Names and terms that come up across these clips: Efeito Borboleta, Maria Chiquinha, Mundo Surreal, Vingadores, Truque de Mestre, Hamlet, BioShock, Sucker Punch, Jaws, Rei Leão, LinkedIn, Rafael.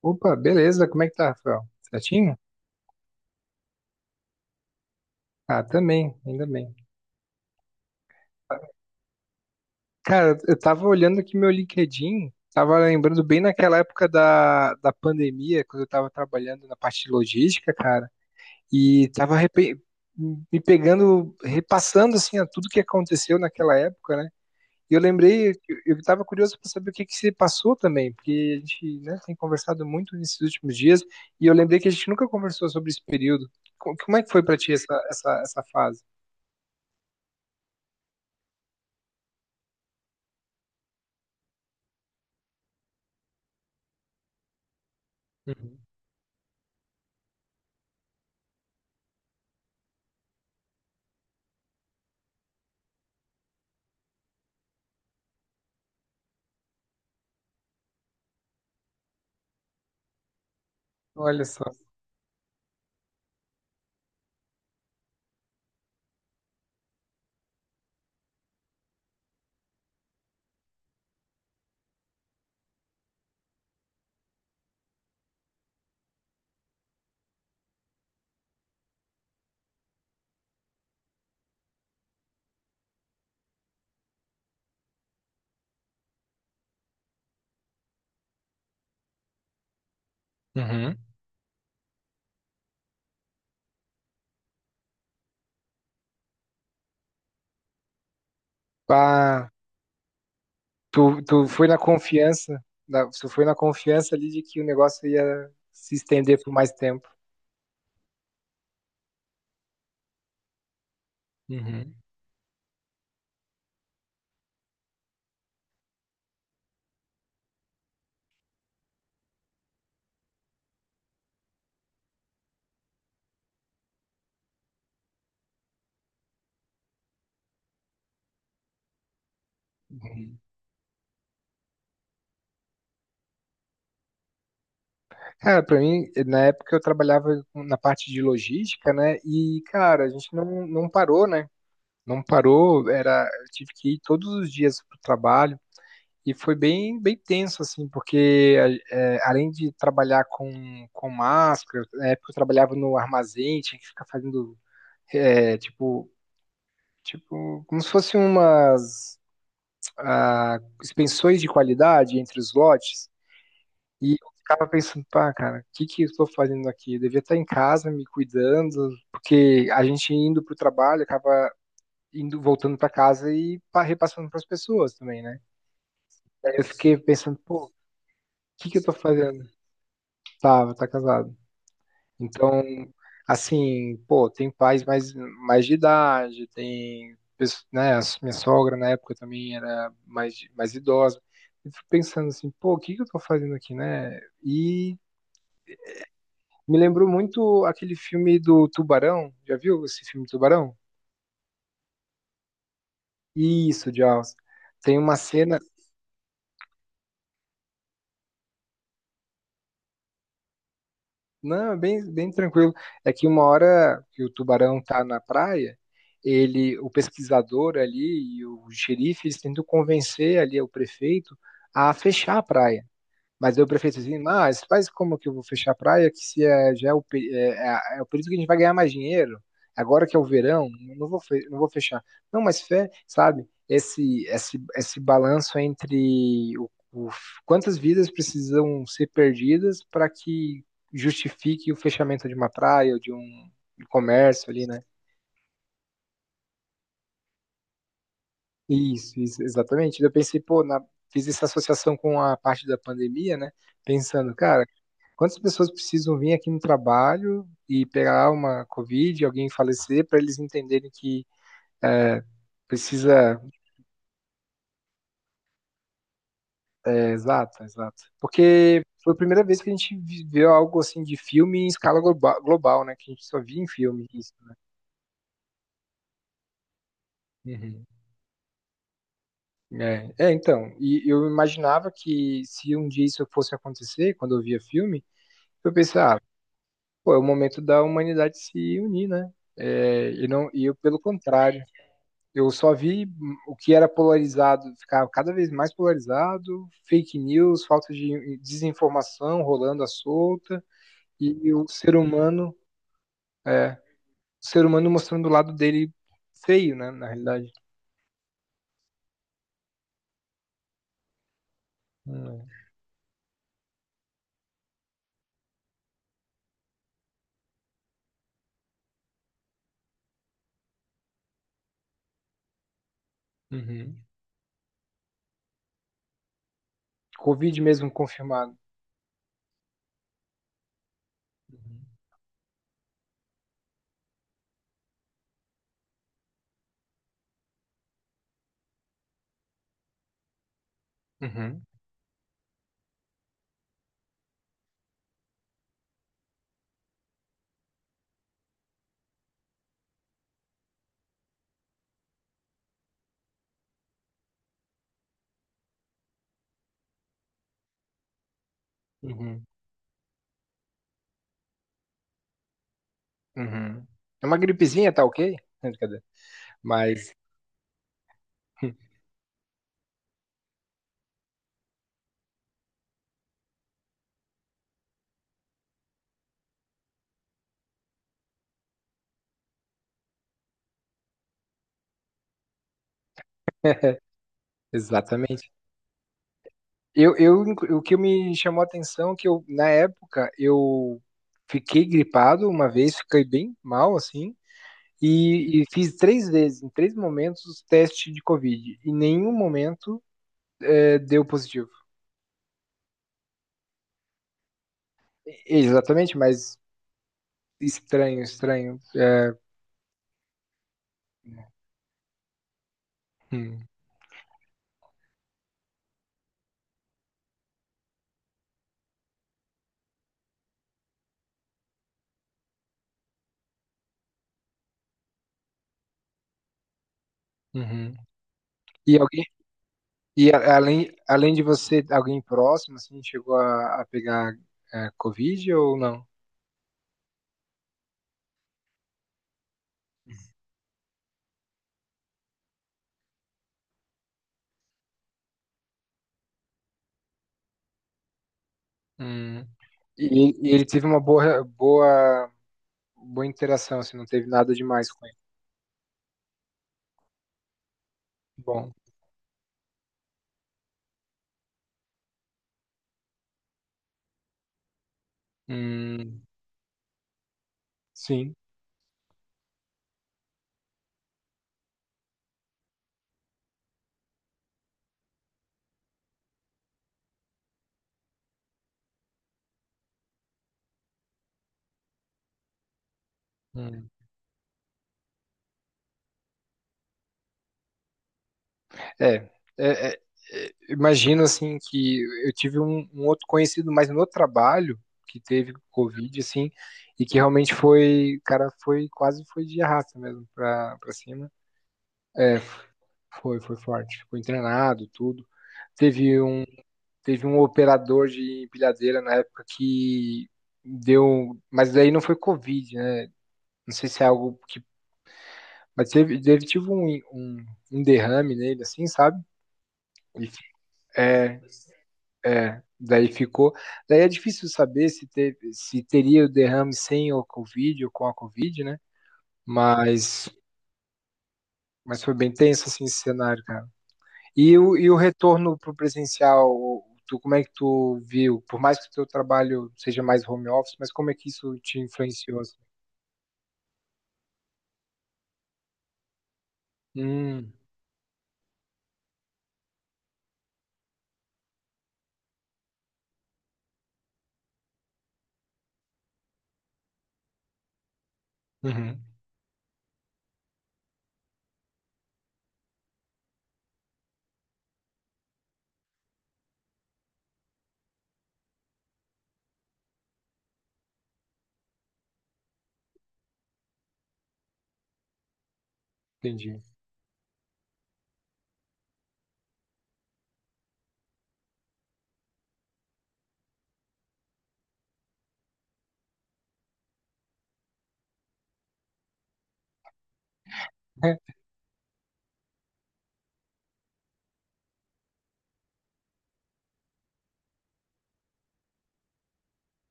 Opa, beleza, como é que tá, Rafael? Certinho? Ah, também, ainda bem. Cara, eu tava olhando aqui meu LinkedIn, tava lembrando bem naquela época da pandemia, quando eu tava trabalhando na parte de logística, cara, e me pegando, repassando, assim, a tudo que aconteceu naquela época, né? E eu lembrei, eu tava curioso para saber o que que se passou também, porque a gente, né, tem conversado muito nesses últimos dias, e eu lembrei que a gente nunca conversou sobre esse período. Como é que foi pra ti essa fase? Uhum. Olha só. Uhum. Ah, tu, tu foi na confiança, tu foi na confiança ali de que o negócio ia se estender por mais tempo. Uhum. Uhum. Cara, pra mim, na época eu na parte de logística, né? E, cara, a gente não parou, né? Não parou, era, eu tive que ir todos os dias pro trabalho e foi bem, bem tenso, assim, porque além de trabalhar com máscara, na época eu trabalhava no armazém, tinha que ficar fazendo, é, tipo, tipo, como se fossem umas suspensões de qualidade entre os lotes. E eu ficava pensando, pá, cara, o que que eu estou fazendo aqui? Eu devia estar em casa me cuidando, porque a gente indo pro trabalho acaba indo voltando para casa e repassando para as pessoas também, né? Aí eu fiquei pensando, pô, o que que eu tô fazendo? Tava, tá casado. Então, assim, pô, tem pais mais de idade, né, a minha sogra na época também era mais, mais idosa. Eu fico pensando assim, pô, o que que eu tô fazendo aqui, né? E me lembrou muito aquele filme do Tubarão, já viu esse filme Tubarão? Isso, Jaws. Tem uma cena. Não, é bem, bem tranquilo. É que uma hora que o tubarão tá na praia, ele, o pesquisador ali e o xerife, eles tentam convencer ali o prefeito a fechar a praia. Mas eu prefiro assim, mas faz como que eu vou fechar a praia, que se é, já é é o período que a gente vai ganhar mais dinheiro, agora que é o verão, não vou, não vou fechar. Não, mas fé, sabe, esse balanço entre quantas vidas precisam ser perdidas para que justifique o fechamento de uma praia ou de um comércio ali, né? Isso, exatamente. Eu pensei, pô, fiz essa associação com a parte da pandemia, né? Pensando, cara, quantas pessoas precisam vir aqui no trabalho e pegar uma Covid, alguém falecer, para eles entenderem que é, precisa. É, exato, exato. Porque foi a primeira vez que a gente viveu algo assim de filme em escala global, né? Que a gente só via em filme isso, né? Uhum. É, é, então, e eu imaginava que se um dia isso fosse acontecer, quando eu via filme, eu pensava, pô, é o momento da humanidade se unir, né? É, e não, e eu, pelo contrário, eu só vi o que era polarizado ficar cada vez mais polarizado, fake news, falta de desinformação rolando à solta, e o ser humano, o ser humano mostrando o lado dele feio, né? Na realidade. Hum, é. Uhum. Covid mesmo confirmado. Uhum. Uhum. Uhum. Uhum. É uma gripezinha, tá ok? Brincadeira. Mas, exatamente. O que me chamou a atenção é que eu, na época, eu fiquei gripado uma vez, fiquei bem mal, assim, e fiz três vezes, em três momentos, os testes de Covid. E em nenhum momento deu positivo. Exatamente, mas estranho, estranho. É, hum, uhum. E alguém, além, além de você, alguém próximo, assim, chegou a pegar Covid ou não? Hum. E ele teve uma boa, boa interação, assim, não teve nada demais com ele. Bom, hum, sim. Hum. É, é, é, imagino assim que eu tive um outro conhecido, mas no trabalho que teve Covid, assim, e que realmente foi, cara, foi quase foi de arrasta mesmo pra, pra cima. É, foi, foi forte. Ficou internado, tudo. Teve um, teve um operador de empilhadeira na época que deu, mas daí não foi Covid, né? Não sei se é algo que. Mas teve, teve tipo um derrame nele, assim, sabe? E, é, daí ficou. Daí é difícil saber se, teve, se teria o derrame sem o Covid ou com a Covid, né? Mas, mas foi bem tenso assim, esse cenário, cara. E o retorno pro presencial, tu, como é que tu viu? Por mais que o teu trabalho seja mais home office, mas como é que isso te influenciou, assim? Hum, uhum, entendi.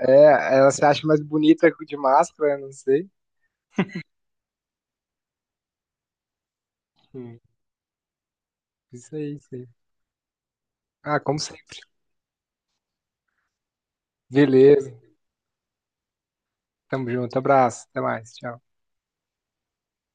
É, ela se acha mais bonita de máscara, não sei. Isso aí, isso aí. Ah, como sempre. Beleza. Tamo junto. Abraço. Até mais. Tchau.